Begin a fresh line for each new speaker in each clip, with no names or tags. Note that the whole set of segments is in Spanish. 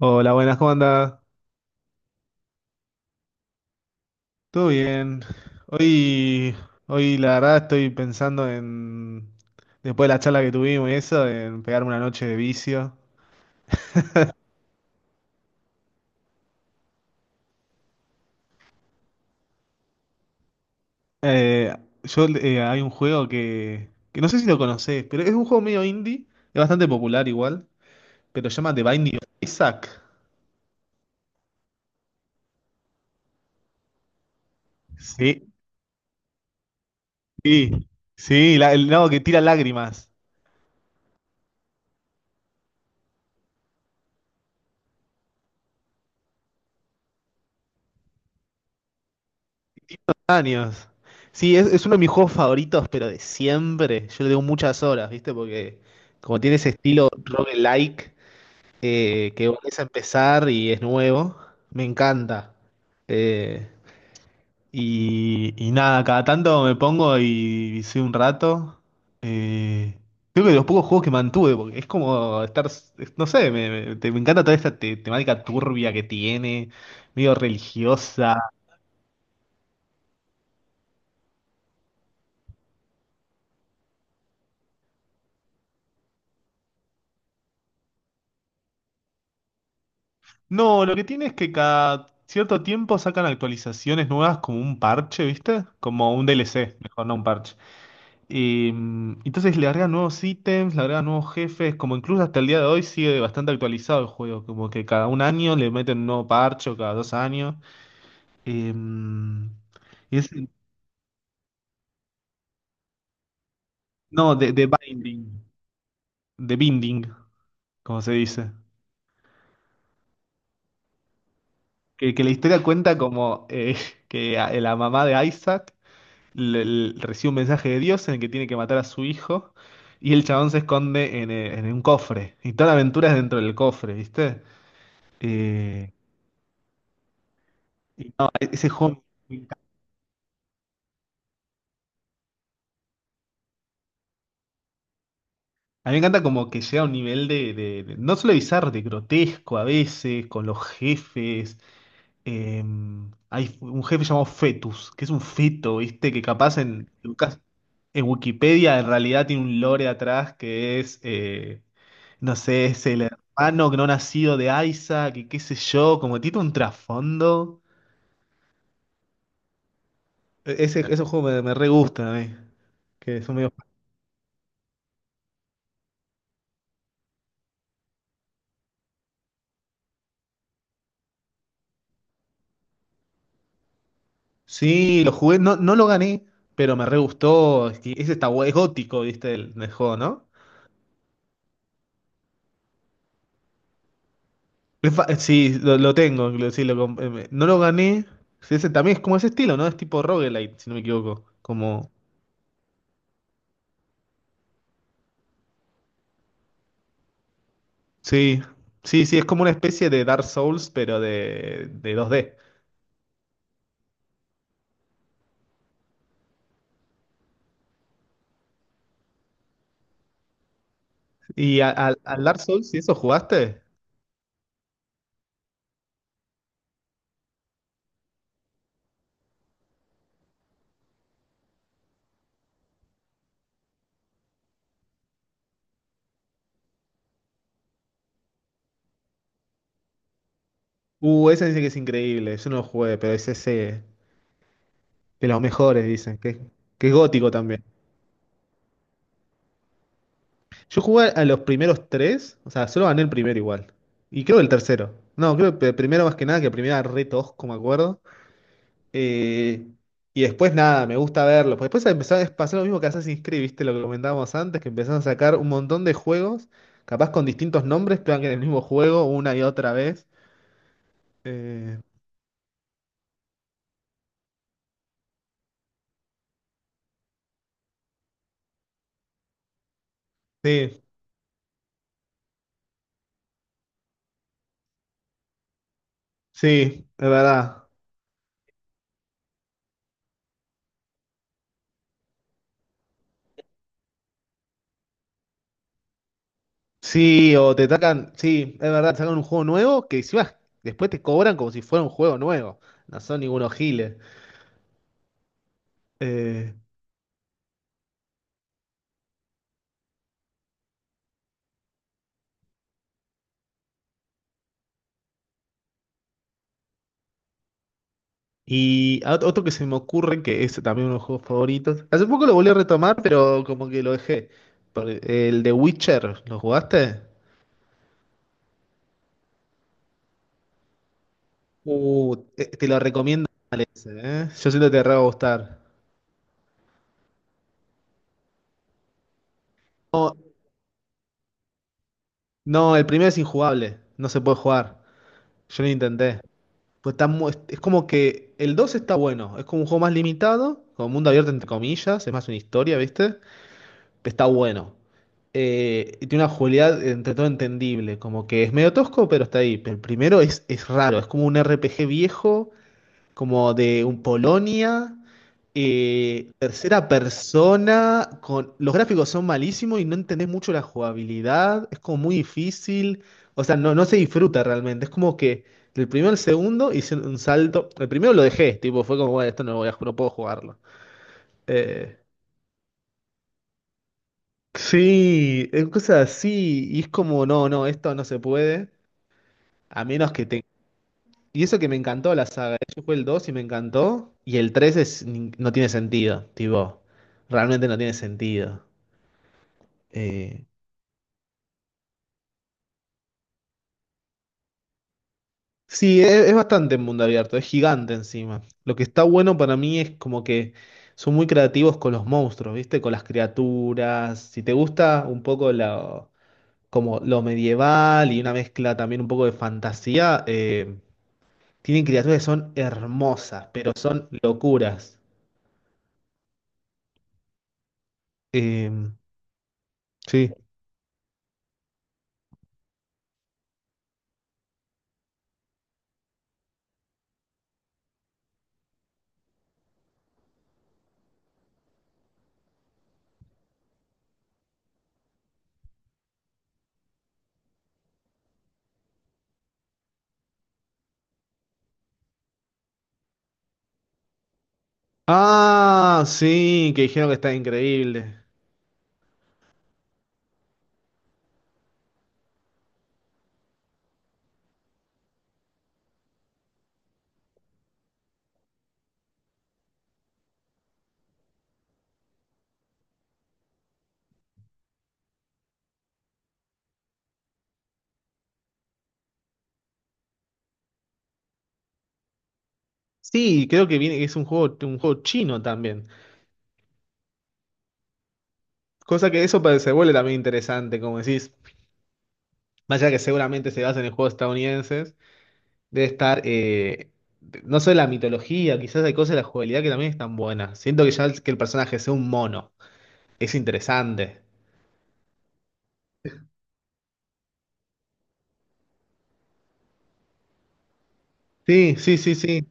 Hola, buenas, ¿cómo andás? ¿Todo bien? Hoy, hoy la verdad estoy pensando después de la charla que tuvimos y eso, en pegarme una noche de vicio. Eh, yo, hay un juego que no sé si lo conocés, pero es un juego medio indie, es bastante popular igual, pero se llama The Binding of Isaac. Sí, sí, sí, el lado que tira lágrimas. Años. Sí, es uno de mis juegos favoritos, pero de siempre. Yo le doy muchas horas, ¿viste? Porque como tiene ese estilo roguelike, que volvés a empezar y es nuevo, me encanta. Eh, y nada, cada tanto me pongo y visé un rato. Eh, creo que de los pocos juegos que mantuve, porque es como no sé, me encanta toda esta temática turbia que tiene, medio religiosa. No, lo que tiene es que cada cierto tiempo sacan actualizaciones nuevas como un parche, ¿viste? Como un DLC, mejor no un parche. Y, entonces le agregan nuevos ítems, le agregan nuevos jefes, como incluso hasta el día de hoy sigue bastante actualizado el juego, como que cada un año le meten un nuevo parche o cada dos años. Eh, mm, y es- no, de binding, como se dice. Que la historia cuenta como que la mamá de Isaac recibe un mensaje de Dios en el que tiene que matar a su hijo y el chabón se esconde en un cofre. Y toda la aventura es dentro del cofre, ¿viste? Eh, y no, ese juego me encanta. A mí me encanta como que llega a un nivel no solo bizarro, de grotesco a veces, con los jefes. Eh, Hay un jefe llamado Fetus, que es un feto, ¿viste? Que capaz en Wikipedia en realidad tiene un lore atrás que es, no sé, es el hermano que no nacido de Isaac, que qué sé yo, como tiene un trasfondo. Esos juegos me re gustan a mí, que son medio... Sí, lo jugué, no, no lo gané, pero me re gustó. Y ese está, es gótico, ¿viste? El juego, ¿no? Sí, lo tengo, sí, no lo gané. Sí, ese también es como ese estilo, ¿no? Es tipo roguelite, si no me equivoco. Como. Sí, sí, sí, es como una especie de Dark Souls, pero de 2D. ¿Y al Dark Souls, si eso jugaste? Ese dice que es increíble, yo no lo jugué, pero es ese de los mejores, dicen, que es gótico también. Yo jugué a los primeros tres, o sea, solo gané el primero igual. Y creo que el tercero. No, creo que el primero más que nada, que el primero era re tosco, me acuerdo. Eh, y después nada, me gusta verlo, porque después empezó a pasar lo mismo que Assassin's Creed, ¿viste? Lo que comentábamos antes, que empezaron a sacar un montón de juegos, capaz con distintos nombres, pero que en el mismo juego una y otra vez. Eh, sí, sí, es verdad. Sí, o te sacan, sí, es verdad, te sacan un juego nuevo que encima después te cobran como si fuera un juego nuevo. No son ningunos giles. Eh, Y otro que se me ocurre, que es también uno de los juegos favoritos. Hace poco lo volví a retomar, pero como que lo dejé. El de Witcher, ¿lo jugaste? Te lo recomiendo ese, ¿eh? Yo siento que te re va a gustar. No, no, el primero es injugable, no se puede jugar. Yo lo intenté. Pues es como que el 2 está bueno, es como un juego más limitado, como mundo abierto entre comillas, es más una historia, ¿viste? Está bueno. Y tiene una jugabilidad entre todo entendible, como que es medio tosco, pero está ahí. Pero el primero es raro, es como un RPG viejo, como de un Polonia, tercera persona, con... los gráficos son malísimos y no entendés mucho la jugabilidad, es como muy difícil, o sea, no, no se disfruta realmente, es como que del primero al segundo hice un salto, el primero lo dejé, tipo, fue como, bueno, esto no, lo voy a, no puedo jugarlo. Eh, Sí, es cosas así, y es como, no, no, esto no se puede, a menos que te... Y eso que me encantó la saga, yo jugué el 2 y me encantó, y el 3 es, no tiene sentido, tipo, realmente no tiene sentido. Eh, sí, es bastante mundo abierto, es gigante encima. Lo que está bueno para mí es como que son muy creativos con los monstruos, ¿viste? Con las criaturas, si te gusta un poco la... como lo medieval y una mezcla también un poco de fantasía, tienen criaturas que son hermosas, pero son locuras. Eh, sí. Ah, sí, que dijeron que está increíble. Sí, creo que viene, es un juego chino también. Cosa que eso se vuelve también interesante, como decís, más allá que seguramente se basa en juegos estadounidenses, debe estar, no solo la mitología, quizás hay cosas de la jugabilidad que también están buenas. Siento que ya que el personaje sea un mono, es interesante. Sí, sí, sí, sí.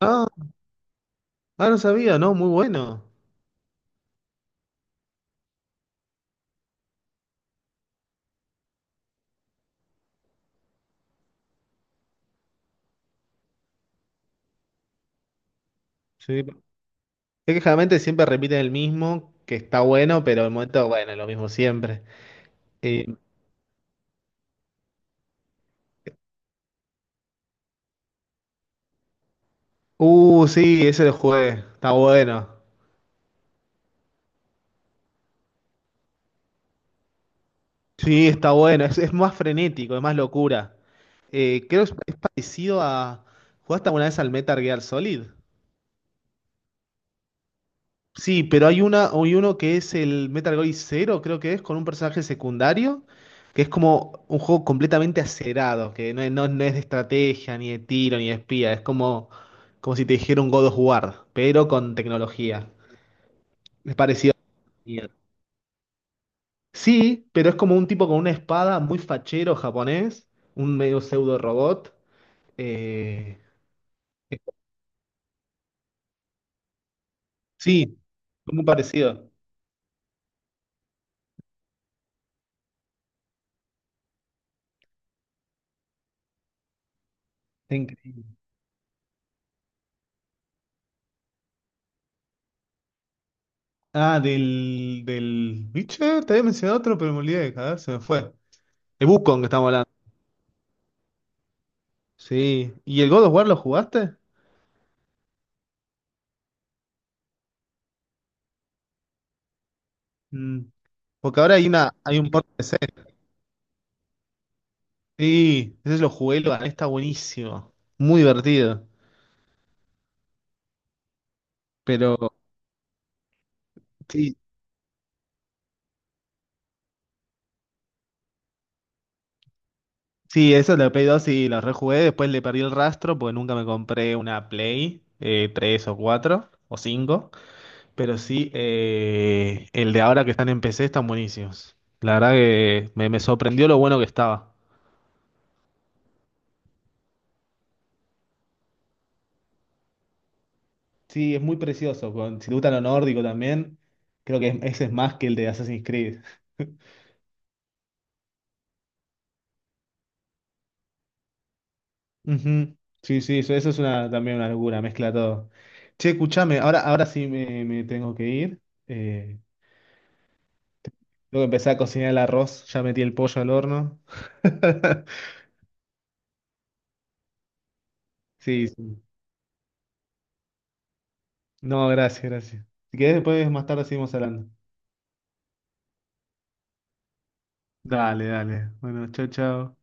Ah, ah, no sabía, no, muy bueno. Sí. Es que generalmente siempre repiten el mismo, que está bueno, pero el momento, bueno, es lo mismo siempre. Eh, uh, sí, ese lo jugué, está bueno. Sí, está bueno, es más frenético, es más locura. Creo que es parecido a... ¿Jugaste alguna vez al Metal Gear Solid? Sí, pero hay una, hay uno que es el Metal Gear Zero, creo que es, con un personaje secundario, que es como un juego completamente acerado, que no, no, no es de estrategia, ni de tiro, ni de espía, es como, como si te dijera un God of War, pero con tecnología. Es parecido a Nier. Sí, pero es como un tipo con una espada muy fachero japonés, un medio pseudo robot. eh, sí, Muy parecido. Está increíble. Ah, del... ¿Viste? Te había mencionado otro, pero me olvidé, joder, se me fue. El Wukong que estamos hablando. Sí. ¿Y el God of War lo jugaste? Mm, Porque ahora hay una, hay un port de PC. Sí, ese lo jugué, lo gané, está buenísimo. Muy divertido. Pero sí, sí, eso lo Play 2 sí lo rejugué, después le perdí el rastro porque nunca me compré una Play 3 o 4 o 5. Pero sí, el de ahora que están en PC están buenísimos. La verdad que me sorprendió lo bueno que estaba. Sí, es muy precioso. Si te gusta lo nórdico también, creo que ese es más que el de Assassin's Creed. Ujú. Sí, sí, eso es una, también una locura, mezcla todo. Che, escuchame, ahora sí me tengo que ir. Eh, Tengo que empezar a cocinar el arroz, ya metí el pollo al horno. Sí, sí. No, gracias, gracias. Si querés, después más tarde seguimos hablando. Dale, dale. Bueno, chao, chao.